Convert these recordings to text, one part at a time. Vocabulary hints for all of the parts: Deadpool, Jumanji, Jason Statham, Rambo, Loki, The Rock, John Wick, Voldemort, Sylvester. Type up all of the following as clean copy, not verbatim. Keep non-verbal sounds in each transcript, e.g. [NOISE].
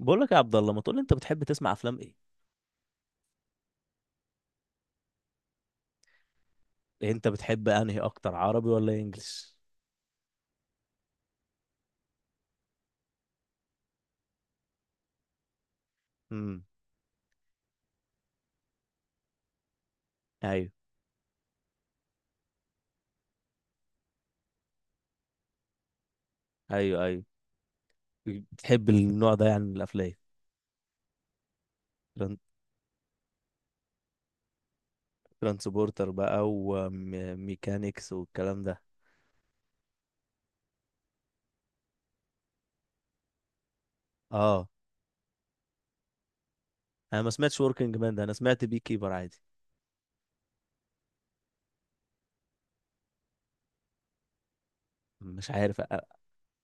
بقول لك يا عبد الله، ما تقول لي انت بتحب تسمع افلام ايه؟ يعني انت بتحب انهي اكتر، عربي ولا انجليش؟ امم. ايوه. ايوه، ايوه. بتحب النوع ده يعني من الافلام؟ تران- ترانسبورتر بقى، وميكانيكس والكلام ده. اه. انا ما سمعتش وركينج مان ده، انا سمعت بي كيبر عادي. مش عارف.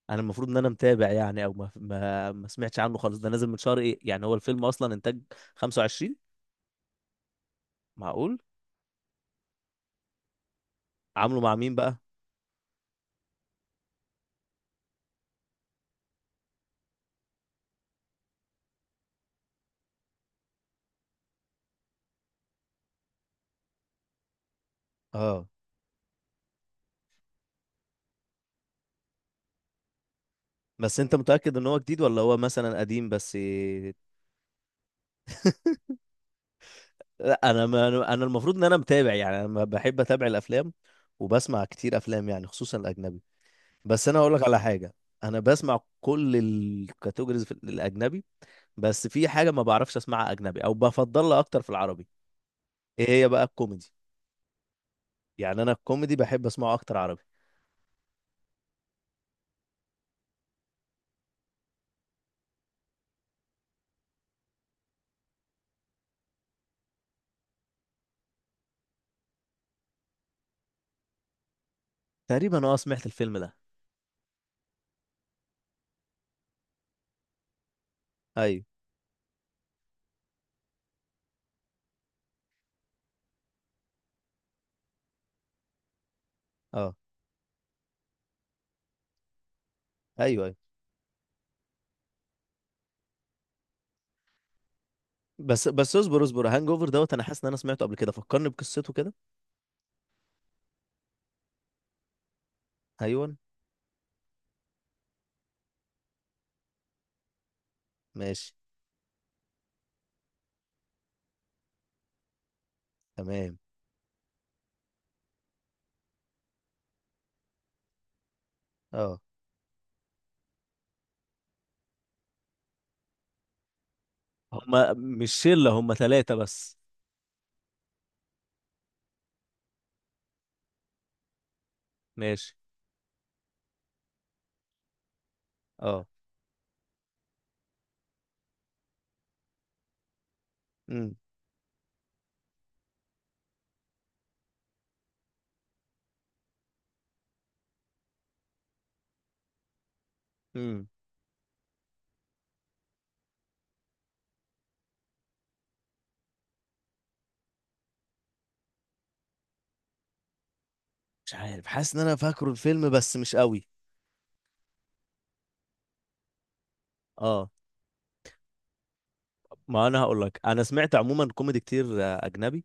انا المفروض ان انا متابع يعني، او ما سمعتش عنه خالص، ده نازل من شهر. ايه يعني هو الفيلم اصلا انتاج 25؟ معقول؟ عامله مع مين بقى؟ اه. بس انت متأكد ان هو جديد ولا هو مثلا قديم بس؟ لا انا ما انا المفروض ان انا متابع يعني، انا ما بحب اتابع الافلام، وبسمع كتير افلام يعني خصوصا الاجنبي. بس انا هقول لك على حاجه. انا بسمع كل الكاتيجوريز في الاجنبي، بس في حاجه ما بعرفش اسمعها اجنبي او بفضلها اكتر في العربي. ايه هي بقى؟ الكوميدي. يعني انا الكوميدي بحب اسمعه اكتر عربي. تقريبا اه سمعت الفيلم ده. ايوه. اه. ايوه، ايوه. بس بس اصبر اصبر، هانج اوفر دوت، انا حاسس ان انا سمعته قبل كده، فكرني بقصته كده. ايوه. ماشي. تمام. اه هما مش شلة، هما ثلاثة بس. ماشي. اه. امم. امم. مش عارف، حاسس ان انا فاكره الفيلم بس مش قوي. اه، ما انا هقول لك، انا سمعت عموما كوميدي كتير اجنبي.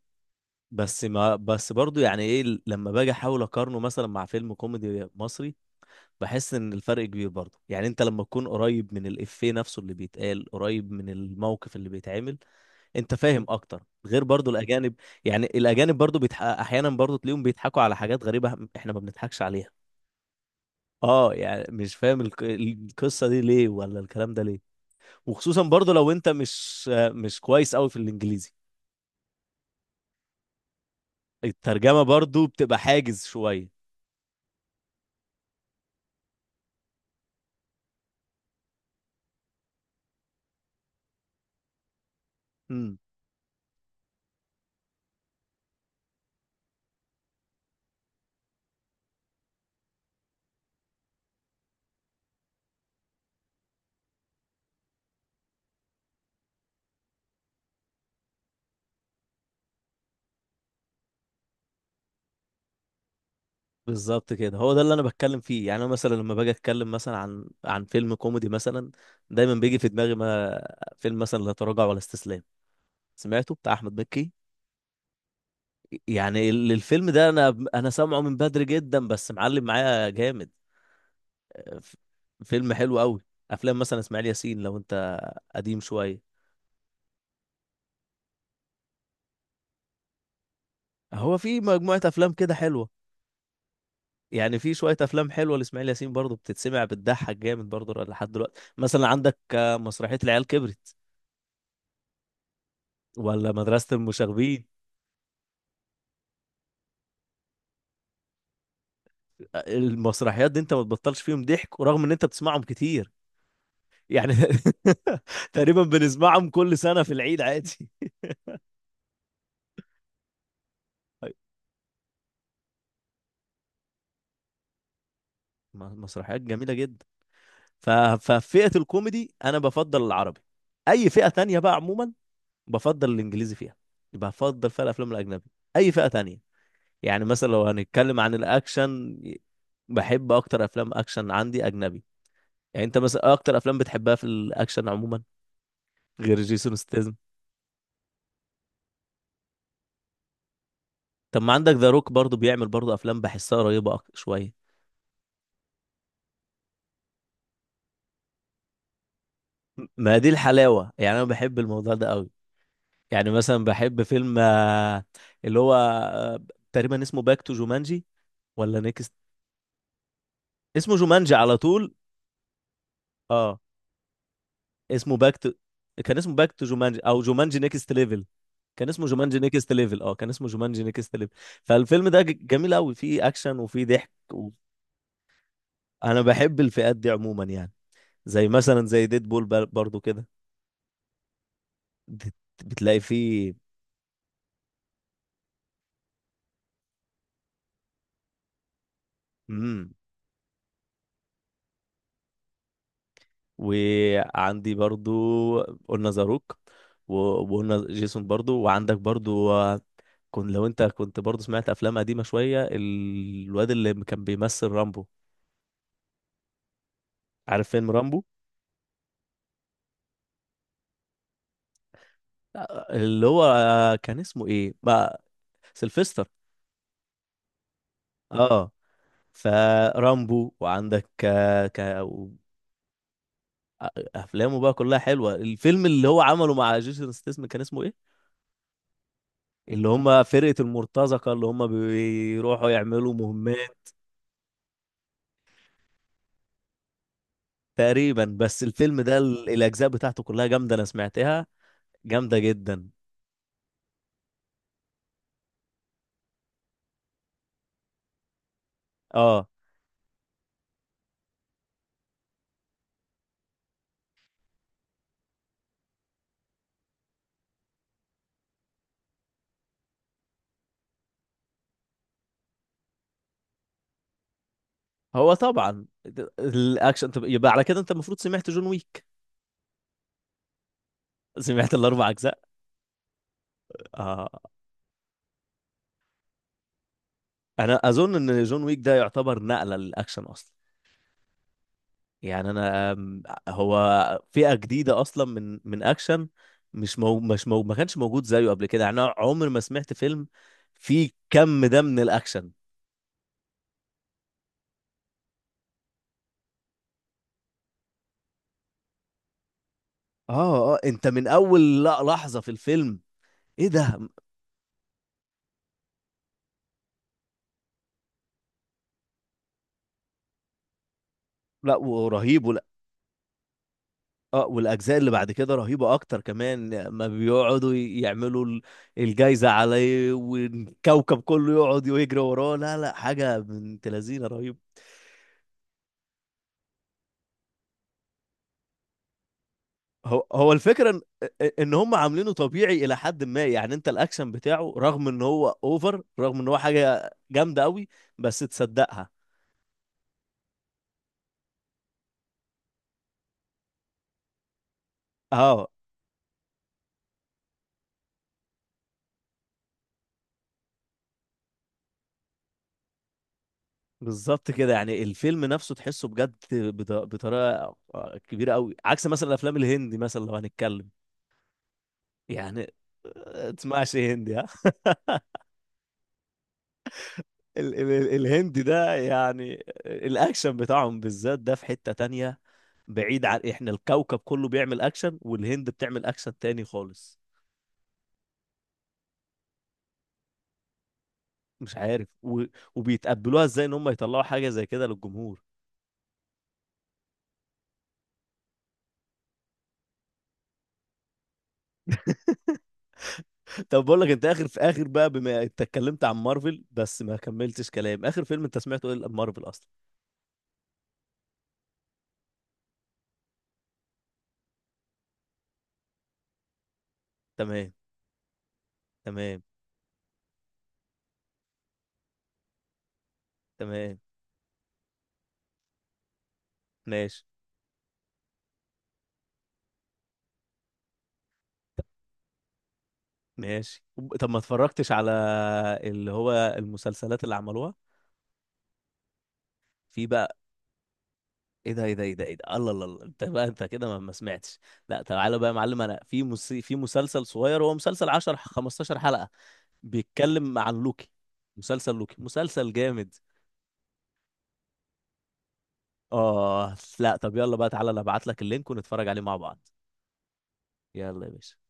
بس ما بس برضو يعني ايه، لما باجي احاول اقارنه مثلا مع فيلم كوميدي مصري، بحس ان الفرق كبير برضو. يعني انت لما تكون قريب من الافيه نفسه اللي بيتقال، قريب من الموقف اللي بيتعمل، انت فاهم اكتر غير برضو الاجانب. يعني الاجانب برضو احيانا برضو تلاقيهم بيضحكوا على حاجات غريبة احنا ما بنضحكش عليها. اه يعني مش فاهم القصه دي ليه ولا الكلام ده ليه. وخصوصا برضو لو انت مش كويس قوي في الانجليزي، الترجمه برضو بتبقى حاجز شويه. امم. بالظبط كده، هو ده اللي انا بتكلم فيه. يعني انا مثلا لما باجي اتكلم مثلا عن فيلم كوميدي مثلا، دايما بيجي في دماغي ما، فيلم مثلا لا تراجع ولا استسلام، سمعته بتاع احمد مكي. يعني الفيلم ده انا سامعه من بدري جدا بس معلم معايا جامد. ف- فيلم حلو قوي. افلام مثلا اسماعيل ياسين، لو انت قديم شويه. هو في مجموعه افلام كده حلوه. يعني في شويه افلام حلوه لاسماعيل ياسين برضه بتتسمع، بتضحك جامد برضه لحد دلوقتي. مثلا عندك مسرحيه العيال كبرت ولا مدرسه المشاغبين. المسرحيات دي انت ما تبطلش فيهم ضحك، ورغم ان انت بتسمعهم كتير يعني [LAUGHS] تقريبا بنسمعهم كل سنه في العيد عادي. طيب، مسرحيات جميله جدا. ف- ففئه الكوميدي انا بفضل العربي. اي فئه تانية بقى عموما بفضل الانجليزي فيها. بفضل فيها الافلام الاجنبي. اي فئه تانية، يعني مثلا لو هنتكلم عن الاكشن، بحب اكتر افلام اكشن عندي اجنبي. يعني انت مثلا إيه اكتر افلام بتحبها في الاكشن عموما غير جيسون ستاثام؟ طب ما عندك ذا روك برضه بيعمل برضه افلام بحسها قريبه شويه. ما دي الحلاوه يعني، انا بحب الموضوع ده قوي. يعني مثلا بحب فيلم اللي هو، تقريبا اسمه باك تو جومانجي ولا نيكست؟ اسمه جومانجي على طول. اه اسمه باك تو. كان اسمه باك تو جومانجي او جومانجي نيكست ليفل. كان اسمه جومانجي نيكست ليفل. اه كان اسمه جومانجي نيكست ليفل. فالفيلم ده جميل قوي، فيه اكشن وفيه ضحك انا بحب الفئات دي عموما يعني. زي ديد بول برضو كده، بت- بتلاقي فيه. امم. وعندي برضو، قلنا زاروك و- وقلنا جيسون برضو. وعندك برضو كن، لو انت كنت برضو سمعت افلام قديمة شوية، الواد اللي كان بيمثل رامبو. عارف فيلم رامبو؟ اللي هو كان اسمه ايه بقى؟ سيلفستر. اه. فرامبو، وعندك آه، ك... و- آه، افلامه بقى كلها حلوه. الفيلم اللي هو عمله مع جيسون ستاثام كان اسمه ايه؟ اللي هم فرقه المرتزقه، اللي هم بيروحوا يعملوا مهمات. تقريبا. بس الفيلم ده الاجزاء بتاعته كلها جامده، انا سمعتها جامده جدا. اه. هو طبعا الاكشن. طب يبقى على كده انت المفروض سمعت جون ويك. سمعت الاربع اجزاء. اه. انا اظن ان جون ويك ده يعتبر نقله للاكشن اصلا. يعني انا هو فئه جديده اصلا من اكشن. مش مو مش مو ما كانش موجود زيه قبل كده. يعني انا عمري ما سمعت فيلم فيه كم ده من الاكشن. اه اه، انت من اول لحظه في الفيلم، ايه ده، لا ورهيب ولا. اه، والاجزاء اللي بعد كده رهيبه اكتر كمان. ما بيقعدوا يعملوا الجايزه عليه والكوكب كله يقعد ويجري وراه، لا لا، حاجه بنت لذينه رهيبه. هو هو الفكره ان إن هم عاملينه طبيعي الى حد ما. يعني انت الاكشن بتاعه رغم ان هو اوفر، رغم ان هو حاجه جامده قوي، بس تصدقها. اه بالظبط كده، يعني الفيلم نفسه تحسه بجد بطريقه كبيره قوي، عكس مثلا الافلام الهندي. مثلا لو هنتكلم يعني، تسمعش هندي ها [LAUGHS] الهندي ده يعني الاكشن بتاعهم بالذات ده في حتة تانية. بعيد عن احنا، الكوكب كله بيعمل اكشن والهند بتعمل اكشن تاني خالص. مش عارف وبيتقبلوها ازاي ان هم يطلعوا حاجه زي كده للجمهور [LAUGHS] طب بقول لك، انت اخر، في اخر بقى بما انت اتكلمت عن مارفل بس ما كملتش كلام، اخر فيلم انت سمعته ايه مارفل اصلا؟ تمام. تمام. تمام. ماشي. ماشي. طب ما اتفرجتش على اللي هو المسلسلات اللي عملوها؟ في بقى. ايه ده ايه ده ايه ده ايه ده، الله الله الله. انت بقى انت كده ما ما سمعتش. لا، تعالى بقى يا معلم. انا في مسلسل صغير، هو مسلسل 10 15 حلقة، بيتكلم عن لوكي. مسلسل لوكي، مسلسل جامد. اه. لا طب يلا بقى تعالى، انا ابعت لك اللينك ونتفرج عليه مع بعض. يلا يا باشا.